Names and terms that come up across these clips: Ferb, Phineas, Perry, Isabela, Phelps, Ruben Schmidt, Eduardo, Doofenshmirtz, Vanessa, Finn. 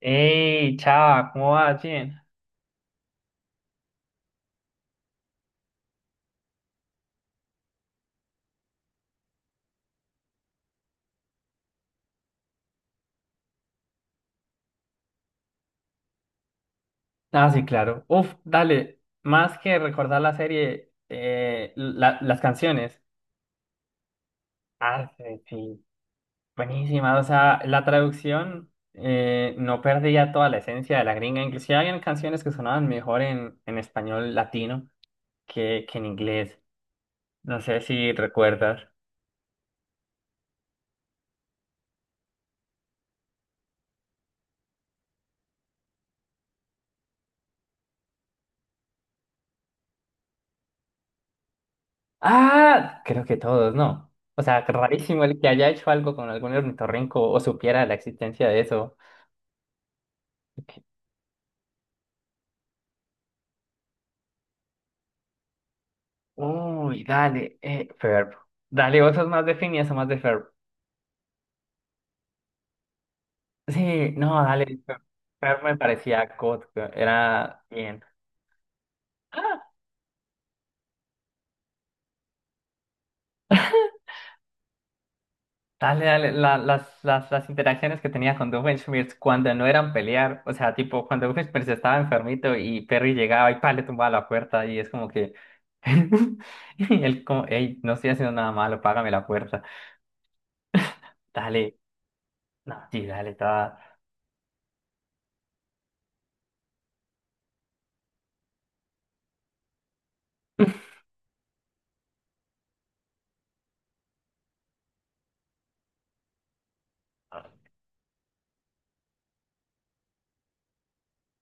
¡Ey, chava! ¿Cómo vas? Bien. Ah, sí, claro. Uf, dale. Más que recordar la serie, las canciones. Ah, sí, sí. Buenísima. O sea, la traducción no perdía toda la esencia de la gringa. Inclusive habían canciones que sonaban mejor en español latino que en inglés. No sé si recuerdas. Ah, creo que todos, ¿no? O sea, rarísimo el que haya hecho algo con algún ornitorrinco o supiera la existencia de eso. Uy, dale, Ferb. Dale, vos sos más de Finn y más de Ferb. Sí, no, dale, Ferb, Ferb me parecía God, era bien. Ah, dale, dale, las interacciones que tenía con Doofenshmirtz cuando no eran pelear, o sea, tipo, cuando Doofenshmirtz estaba enfermito y Perry llegaba y pa, le tumbaba la puerta y es como que... Y él como, hey, no estoy haciendo nada malo, págame la puerta. Dale, no, sí, dale, estaba...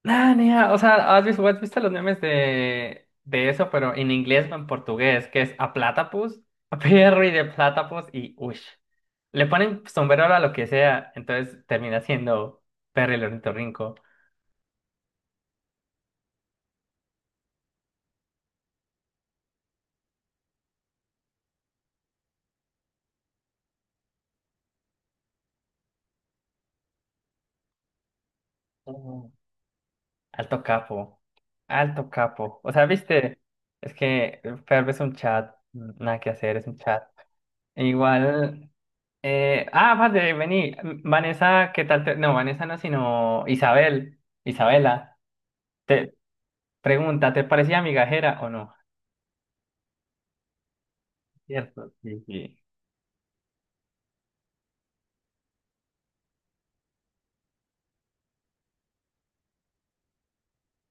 Ah, nea, o sea, has visto los memes de eso, pero en inglés o en portugués, que es a platypus, a perro y de platypus y ush. Le ponen sombrero a lo que sea, entonces termina siendo perro el ornitorrinco. Oh. Alto capo, alto capo. O sea, viste, es que Ferb es un chat, nada que hacer, es un chat. E igual, vale, vení, Vanessa, ¿qué tal? No, Vanessa no, sino Isabel, Isabela. Te, Pregunta, ¿te parecía migajera o no? Cierto, sí, sí.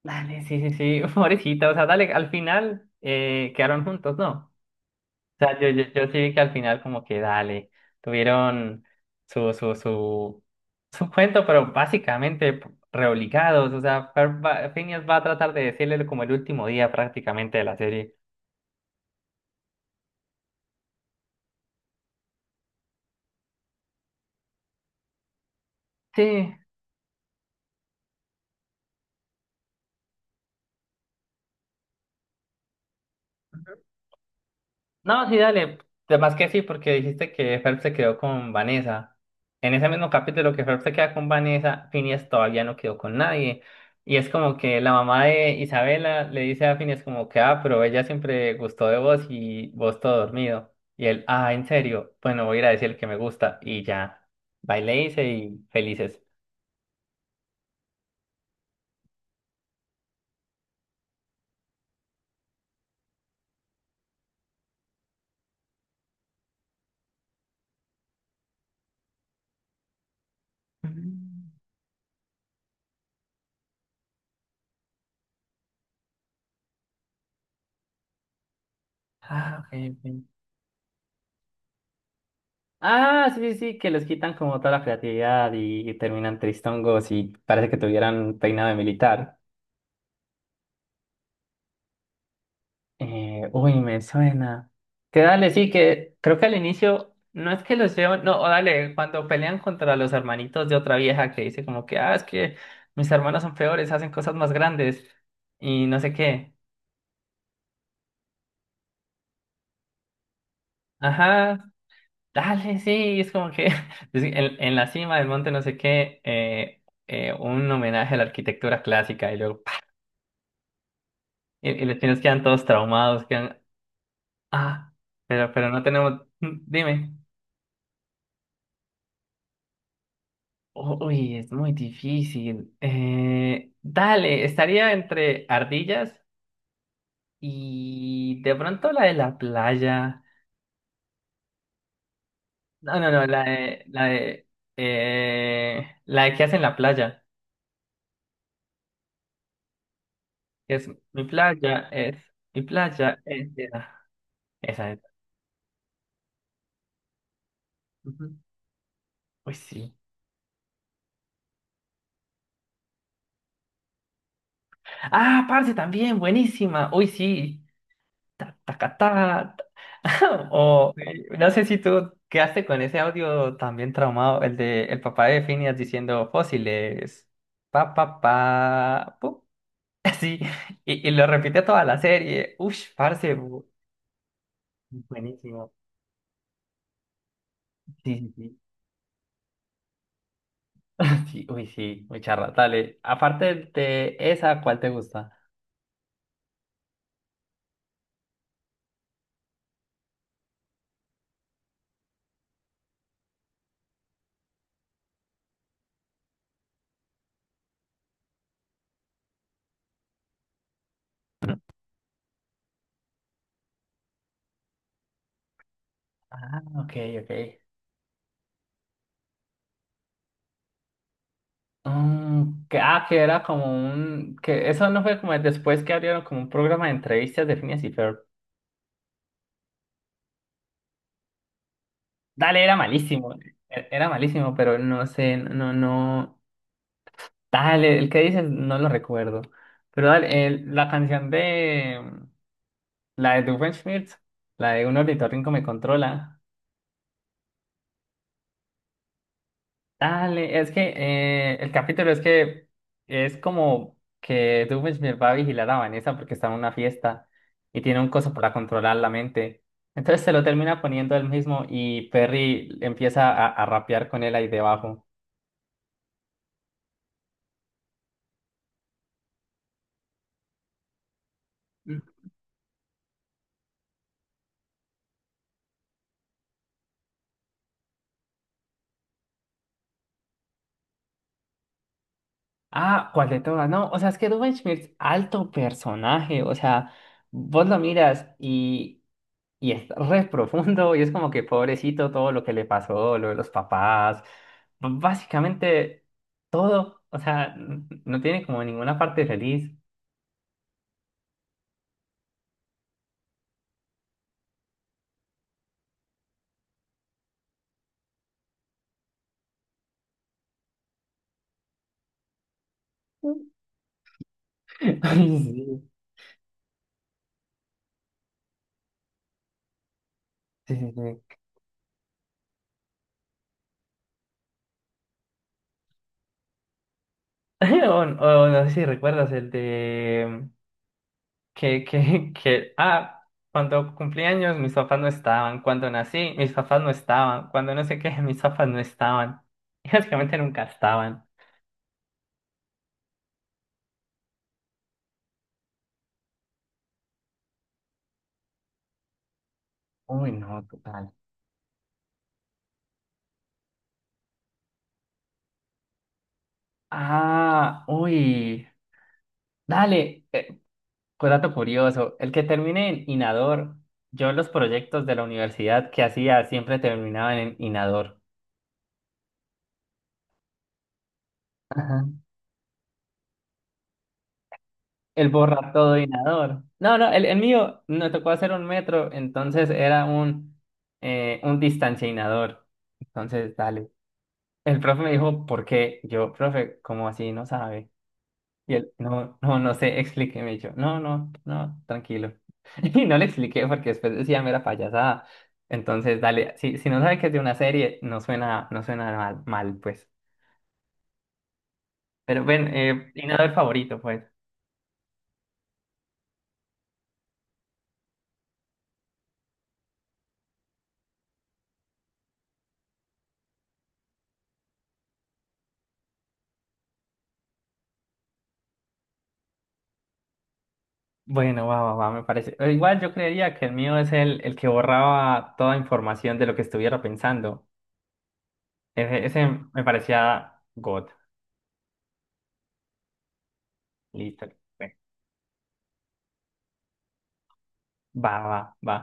Dale, sí, sí, sí, pobrecita, o sea, dale, al final quedaron juntos, ¿no? O sea, yo sí vi que al final como que dale, tuvieron su, su, su, su cuento, pero básicamente reobligados, o sea, Phineas va a tratar de decirle como el último día prácticamente de la serie. Sí, no, sí, dale. Además que sí, porque dijiste que Phelps se quedó con Vanessa. En ese mismo capítulo que Phelps se queda con Vanessa, Phineas todavía no quedó con nadie. Y es como que la mamá de Isabela le dice a Phineas como que, ah, pero ella siempre gustó de vos y vos todo dormido. Y él, ah, ¿en serio? Bueno, voy a ir a decir que me gusta. Y ya, va y le dice y felices. Mm. Ah, ok, ok. Ah, sí, sí, sí, que les quitan como toda la creatividad y terminan tristongos y parece que tuvieran peinado de militar. Uy, me suena. Que dale, sí, que creo que al inicio no es que los llevan, no, o dale, cuando pelean contra los hermanitos de otra vieja que dice como que, ah, es que mis hermanos son peores, hacen cosas más grandes y no sé qué. Ajá, dale, sí, es como que es que en la cima del monte no sé qué, un homenaje a la arquitectura clásica y luego... y los chinos quedan todos traumados, quedan, ah, pero no tenemos, mm, dime, uy, es muy difícil. Dale, estaría entre ardillas y de pronto la de la playa. No, no, no, la de que hacen la playa. Que es mi playa, es mi playa, es esa, esa. Esa. Ujú. Uy, sí. Ah, parce, también, buenísima. Uy, sí. Ta, taca, ta, ta. O no sé si tú quedaste con ese audio también traumado, el de el papá de Phineas diciendo fósiles, pa, pa, pa, pu. Así, y lo repite toda la serie. Ush, parce, buenísimo. Sí, sí, sí. Sí, uy, sí, muy charra. Dale, aparte de esa, ¿cuál te gusta? Ah, ok, ok. Mm, que, ah, que era como un... que eso no fue como el después que abrieron como un programa de entrevistas de Phineas y Ferb. Dale, era malísimo. Era malísimo, pero no sé, no, no. Dale, el que dices no lo recuerdo. Pero dale, la canción de la de Doofenshmirtz, la de un ornitorrinco me controla. Dale, es que el capítulo es que es como que Doofenshmirtz va a vigilar a Vanessa porque está en una fiesta y tiene un coso para controlar la mente. Entonces se lo termina poniendo él mismo y Perry empieza a rapear con él ahí debajo. Ah, ¿cuál de todas? No, o sea, es que Ruben Schmidt, alto personaje, o sea, vos lo miras y es re profundo y es como que pobrecito todo lo que le pasó, lo de los papás, básicamente todo, o sea, no tiene como ninguna parte feliz. Ay, sí, sí, sí. Sí. O, o no sé si recuerdas el de... ah, cuando cumplí años mis papás no estaban, cuando nací mis papás no estaban, cuando no sé qué mis papás no estaban. Básicamente nunca estaban. Uy, no, total. Ah, uy. Dale, dato curioso. El que termine en Inador, yo los proyectos de la universidad que hacía siempre terminaban en Inador. El borratodoinador. No, no, el mío me tocó hacer un metro, entonces era un distanciador. Entonces, dale. El profe me dijo, ¿por qué? Yo, profe, ¿cómo así? No sabe. Y él, no, no, no sé, explíqueme. Y yo, no, no, no, tranquilo. Y no le expliqué porque después decía mera payasada. Entonces, dale, si, si no sabe que es de una serie, no suena, no suena mal, mal, pues. Pero ven, inador favorito, pues. Bueno, va, va, va, me parece. Igual yo creería que el mío es el que borraba toda información de lo que estuviera pensando. Ese me parecía God. Listo. Bueno, va, va, va.